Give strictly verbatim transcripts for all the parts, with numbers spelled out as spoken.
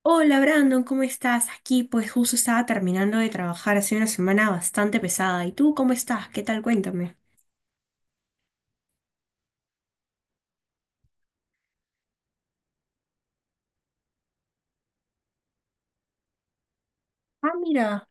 Hola Brandon, ¿cómo estás? Aquí pues justo estaba terminando de trabajar, ha sido una semana bastante pesada. ¿Y tú cómo estás? ¿Qué tal? Cuéntame. Ah, mira.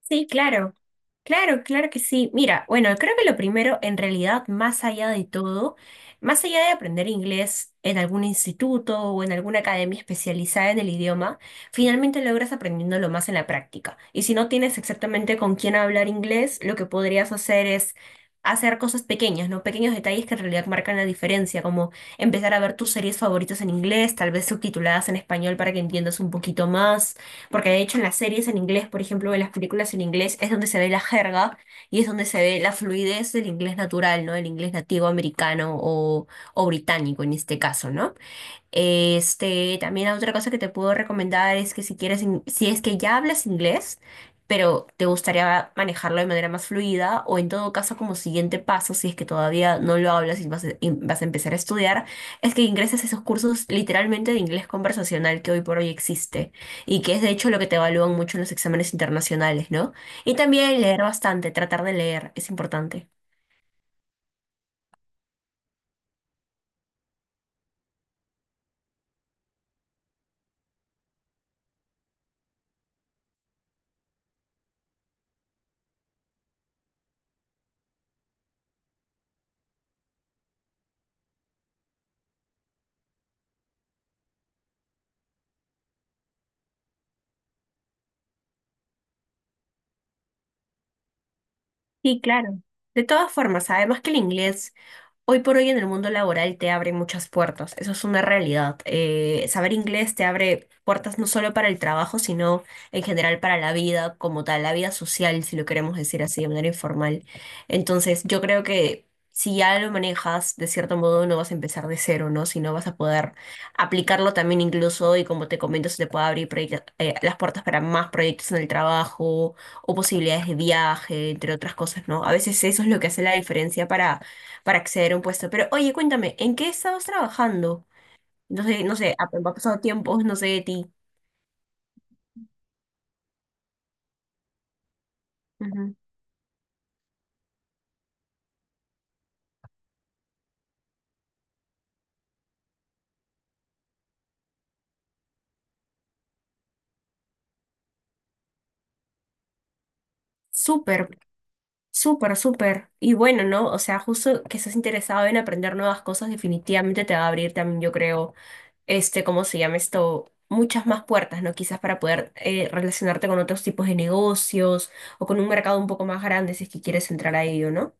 Sí, claro. Claro, claro que sí. Mira, bueno, creo que lo primero, en realidad, más allá de todo, más allá de aprender inglés en algún instituto o en alguna academia especializada en el idioma, finalmente logras aprendiéndolo más en la práctica. Y si no tienes exactamente con quién hablar inglés, lo que podrías hacer es hacer cosas pequeñas, ¿no? Pequeños detalles que en realidad marcan la diferencia, como empezar a ver tus series favoritas en inglés, tal vez subtituladas en español para que entiendas un poquito más porque de hecho en las series en inglés, por ejemplo, en las películas en inglés es donde se ve la jerga y es donde se ve la fluidez del inglés natural, ¿no? El inglés nativo americano o, o británico en este caso, ¿no? Este, también otra cosa que te puedo recomendar es que si quieres, in- si es que ya hablas inglés, pero te gustaría manejarlo de manera más fluida, o en todo caso como siguiente paso, si es que todavía no lo hablas y vas a, y vas a empezar a estudiar, es que ingreses a esos cursos literalmente de inglés conversacional que hoy por hoy existe y que es de hecho lo que te evalúan mucho en los exámenes internacionales, ¿no? Y también leer bastante, tratar de leer, es importante. Sí, claro. De todas formas, además que el inglés... Hoy por hoy en el mundo laboral te abre muchas puertas, eso es una realidad. Eh, saber inglés te abre puertas no solo para el trabajo, sino en general para la vida como tal, la vida social, si lo queremos decir así de manera informal. Entonces, yo creo que si ya lo manejas, de cierto modo no vas a empezar de cero, ¿no? Sino vas a poder aplicarlo también incluso y como te comento, se te puede abrir proyectos- eh, las puertas para más proyectos en el trabajo o posibilidades de viaje, entre otras cosas, ¿no? A veces eso es lo que hace la diferencia para para acceder a un puesto. Pero oye, cuéntame, ¿en qué estabas trabajando? No sé, no sé, ha, ha pasado tiempo, no sé de ti. Ujú. Súper, súper, súper. Y bueno, ¿no? O sea, justo que estás interesado en aprender nuevas cosas, definitivamente te va a abrir también, yo creo, este, ¿cómo se llama esto? Muchas más puertas, ¿no? Quizás para poder eh, relacionarte con otros tipos de negocios o con un mercado un poco más grande si es que quieres entrar a ello, ¿no?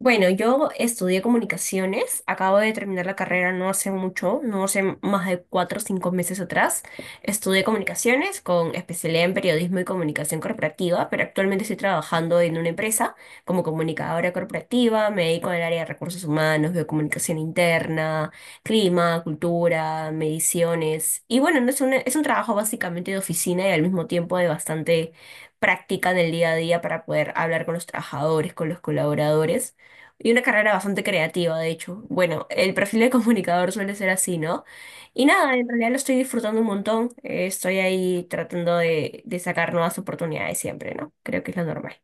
Bueno, yo estudié comunicaciones, acabo de terminar la carrera no hace mucho, no hace más de cuatro o cinco meses atrás. Estudié comunicaciones con especialidad en periodismo y comunicación corporativa, pero actualmente estoy trabajando en una empresa como comunicadora corporativa, me dedico al área de recursos humanos, veo comunicación interna, clima, cultura, mediciones. Y bueno, no es un, es un trabajo básicamente de oficina y al mismo tiempo de bastante práctica en el día a día para poder hablar con los trabajadores, con los colaboradores. Y una carrera bastante creativa, de hecho. Bueno, el perfil de comunicador suele ser así, ¿no? Y nada, en realidad lo estoy disfrutando un montón. Eh, estoy ahí tratando de, de sacar nuevas oportunidades siempre, ¿no? Creo que es lo normal.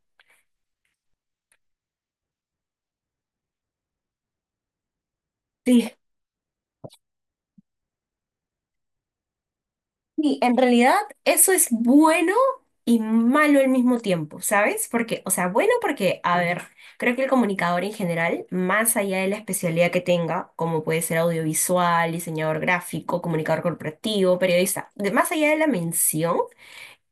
Sí. Y en realidad eso es bueno y malo al mismo tiempo, ¿sabes? Porque, o sea, bueno porque, a ver, creo que el comunicador en general, más allá de la especialidad que tenga, como puede ser audiovisual, diseñador gráfico, comunicador corporativo, periodista, de- más allá de la mención,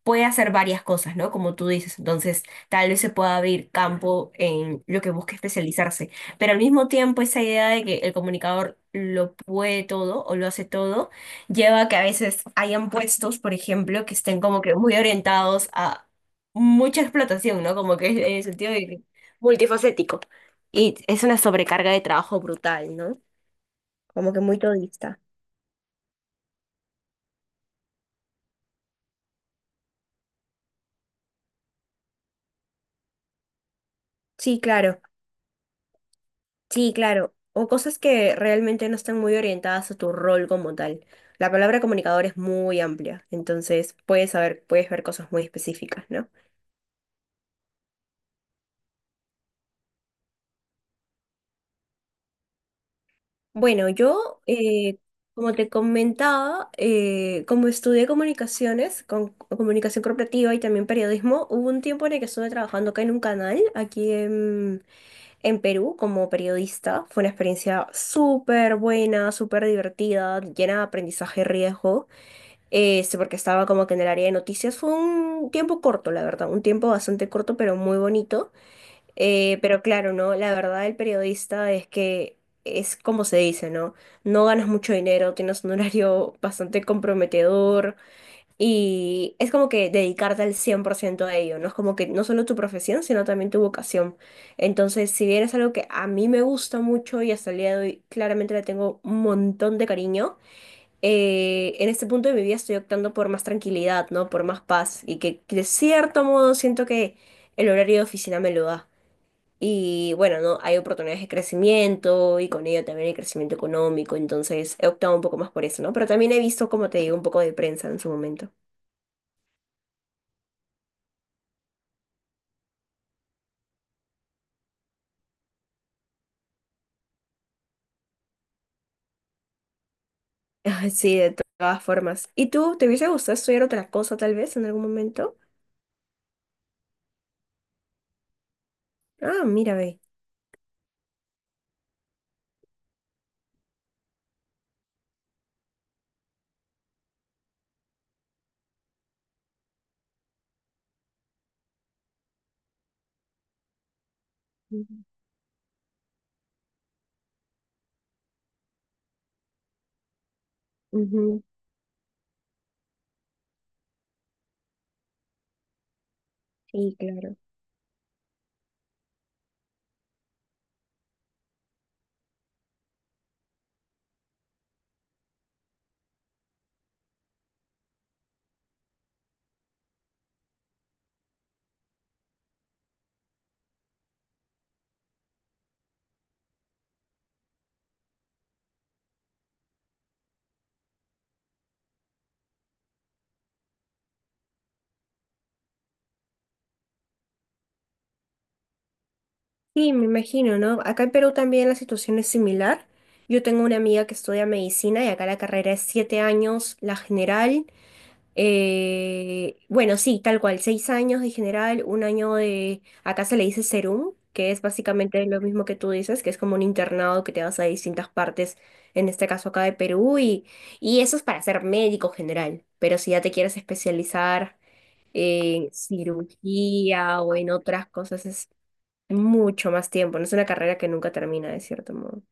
puede hacer varias cosas, ¿no? Como tú dices, entonces tal vez se pueda abrir campo en lo que busque especializarse, pero al mismo tiempo esa idea de que el comunicador lo puede todo o lo hace todo, lleva a que a veces hayan puestos, por ejemplo, que estén como que muy orientados a mucha explotación, ¿no? Como que en el sentido de que multifacético. Y es una sobrecarga de trabajo brutal, ¿no? Como que muy todista. Sí, claro. Sí, claro. O cosas que realmente no están muy orientadas a tu rol como tal. La palabra comunicador es muy amplia, entonces puedes saber, puedes ver cosas muy específicas, ¿no? Bueno, yo, eh, como te comentaba, eh, como estudié comunicaciones, con, comunicación corporativa y también periodismo, hubo un tiempo en el que estuve trabajando acá en un canal, aquí en, en Perú, como periodista. Fue una experiencia súper buena, súper divertida, llena de aprendizaje y riesgo. Este, porque estaba como que en el área de noticias. Fue un tiempo corto, la verdad, un tiempo bastante corto, pero muy bonito. Eh, pero claro, ¿no? La verdad, el periodista es que es como se dice, ¿no? No ganas mucho dinero, tienes un horario bastante comprometedor y es como que dedicarte al cien por ciento a ello, ¿no? Es como que no solo tu profesión, sino también tu vocación. Entonces, si bien es algo que a mí me gusta mucho y hasta el día de hoy claramente le tengo un montón de cariño, eh, en este punto de mi vida estoy optando por más tranquilidad, ¿no? Por más paz y que de cierto modo siento que el horario de oficina me lo da. Y bueno, ¿no? Hay oportunidades de crecimiento y con ello también hay crecimiento económico, entonces he optado un poco más por eso, ¿no? Pero también he visto, como te digo, un poco de prensa en su momento. Ay, sí, de to- todas formas. ¿Y tú, te hubiese gustado estudiar otra cosa tal vez en algún momento? Ah, mira, ve. Ujú, sí, claro. Sí, me imagino, ¿no? Acá en Perú también la situación es similar. Yo tengo una amiga que estudia medicina y acá la carrera es siete años, la general. Eh, bueno, sí, tal cual, seis años de general, un año de, acá se le dice serum, que es básicamente lo mismo que tú dices, que es como un internado que te vas a distintas partes, en este caso acá de Perú, y, y eso es para ser médico general. Pero si ya te quieres especializar en cirugía o en otras cosas, mucho más tiempo. No es una carrera que nunca termina, de cierto modo.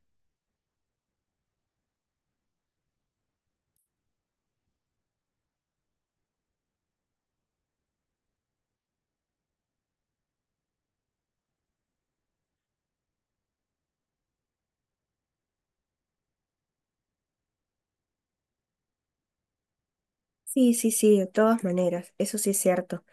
Sí, sí, sí, de todas maneras, eso sí es cierto.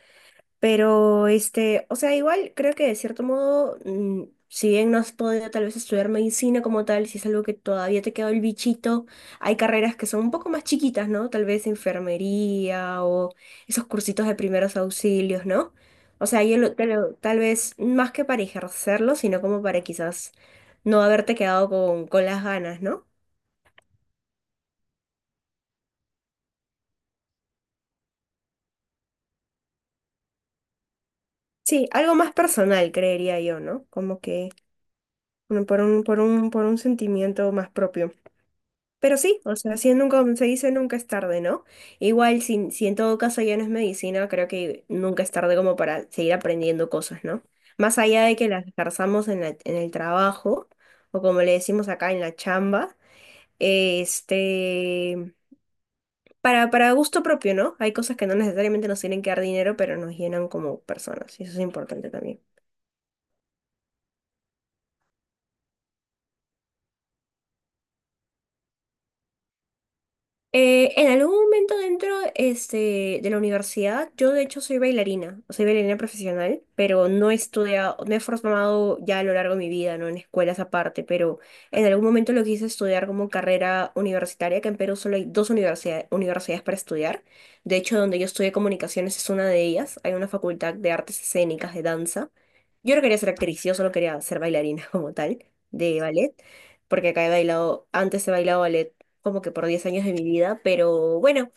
Pero, este, o sea, igual creo que de cierto modo, mm, si bien no has podido tal vez estudiar medicina como tal, si es algo que todavía te quedó el bichito, hay carreras que son un poco más chiquitas, ¿no? Tal vez enfermería o esos cursitos de primeros auxilios, ¿no? O sea, yo lo- te lo- tal vez más que para ejercerlo, sino como para quizás no haberte quedado con, con las ganas, ¿no? Sí, algo más personal, creería yo, ¿no? Como que bueno, por un, por un, por un sentimiento más propio. Pero sí, o sea, si nunca, se dice nunca es tarde, ¿no? Igual, si, si en todo caso ya no es medicina, creo que nunca es tarde como para seguir aprendiendo cosas, ¿no? Más allá de que las ejerzamos en la- en el trabajo, o como le decimos acá en la chamba, este, para, para gusto propio, ¿no? Hay cosas que no necesariamente nos tienen que dar dinero, pero nos llenan como personas, y eso es importante también. Eh, en algún momento dentro este, de la universidad, yo de hecho soy bailarina, soy bailarina profesional, pero no he estudiado, me he formado ya a lo largo de mi vida, ¿no? En escuelas aparte, pero en algún momento lo quise estudiar como carrera universitaria, que en Perú solo hay dos universidades, universidades para estudiar. De hecho, donde yo estudié comunicaciones es una de ellas, hay una facultad de artes escénicas, de danza. Yo no quería ser actriz, yo solo quería ser bailarina como tal, de ballet, porque acá he bailado, antes he bailado ballet como que por diez años de mi vida, pero bueno,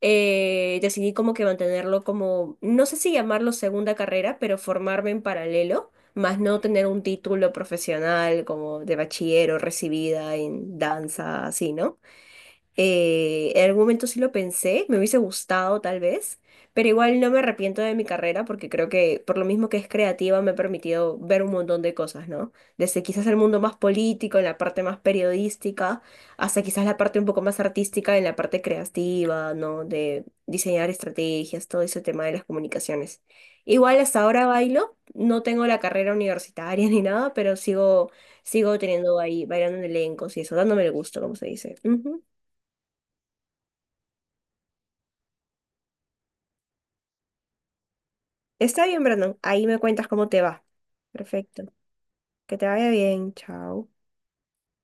eh, decidí como que mantenerlo como, no sé si llamarlo segunda carrera, pero formarme en paralelo, más no tener un título profesional como de bachiller o recibida en danza, así, ¿no? Eh, en algún momento sí lo pensé, me hubiese gustado tal vez, pero igual no me arrepiento de mi carrera porque creo que por lo mismo que es creativa me ha permitido ver un montón de cosas, ¿no? Desde quizás el mundo más político, en la parte más periodística, hasta quizás la parte un poco más artística, en la parte creativa, ¿no? De diseñar estrategias, todo ese tema de las comunicaciones. Igual hasta ahora bailo, no tengo la carrera universitaria ni nada, pero sigo, sigo teniendo ahí, bailando en elencos y eso, dándome el gusto, como se dice. Ujú. Está bien, Brandon. Ahí me cuentas cómo te va. Perfecto. Que te vaya bien. Chao.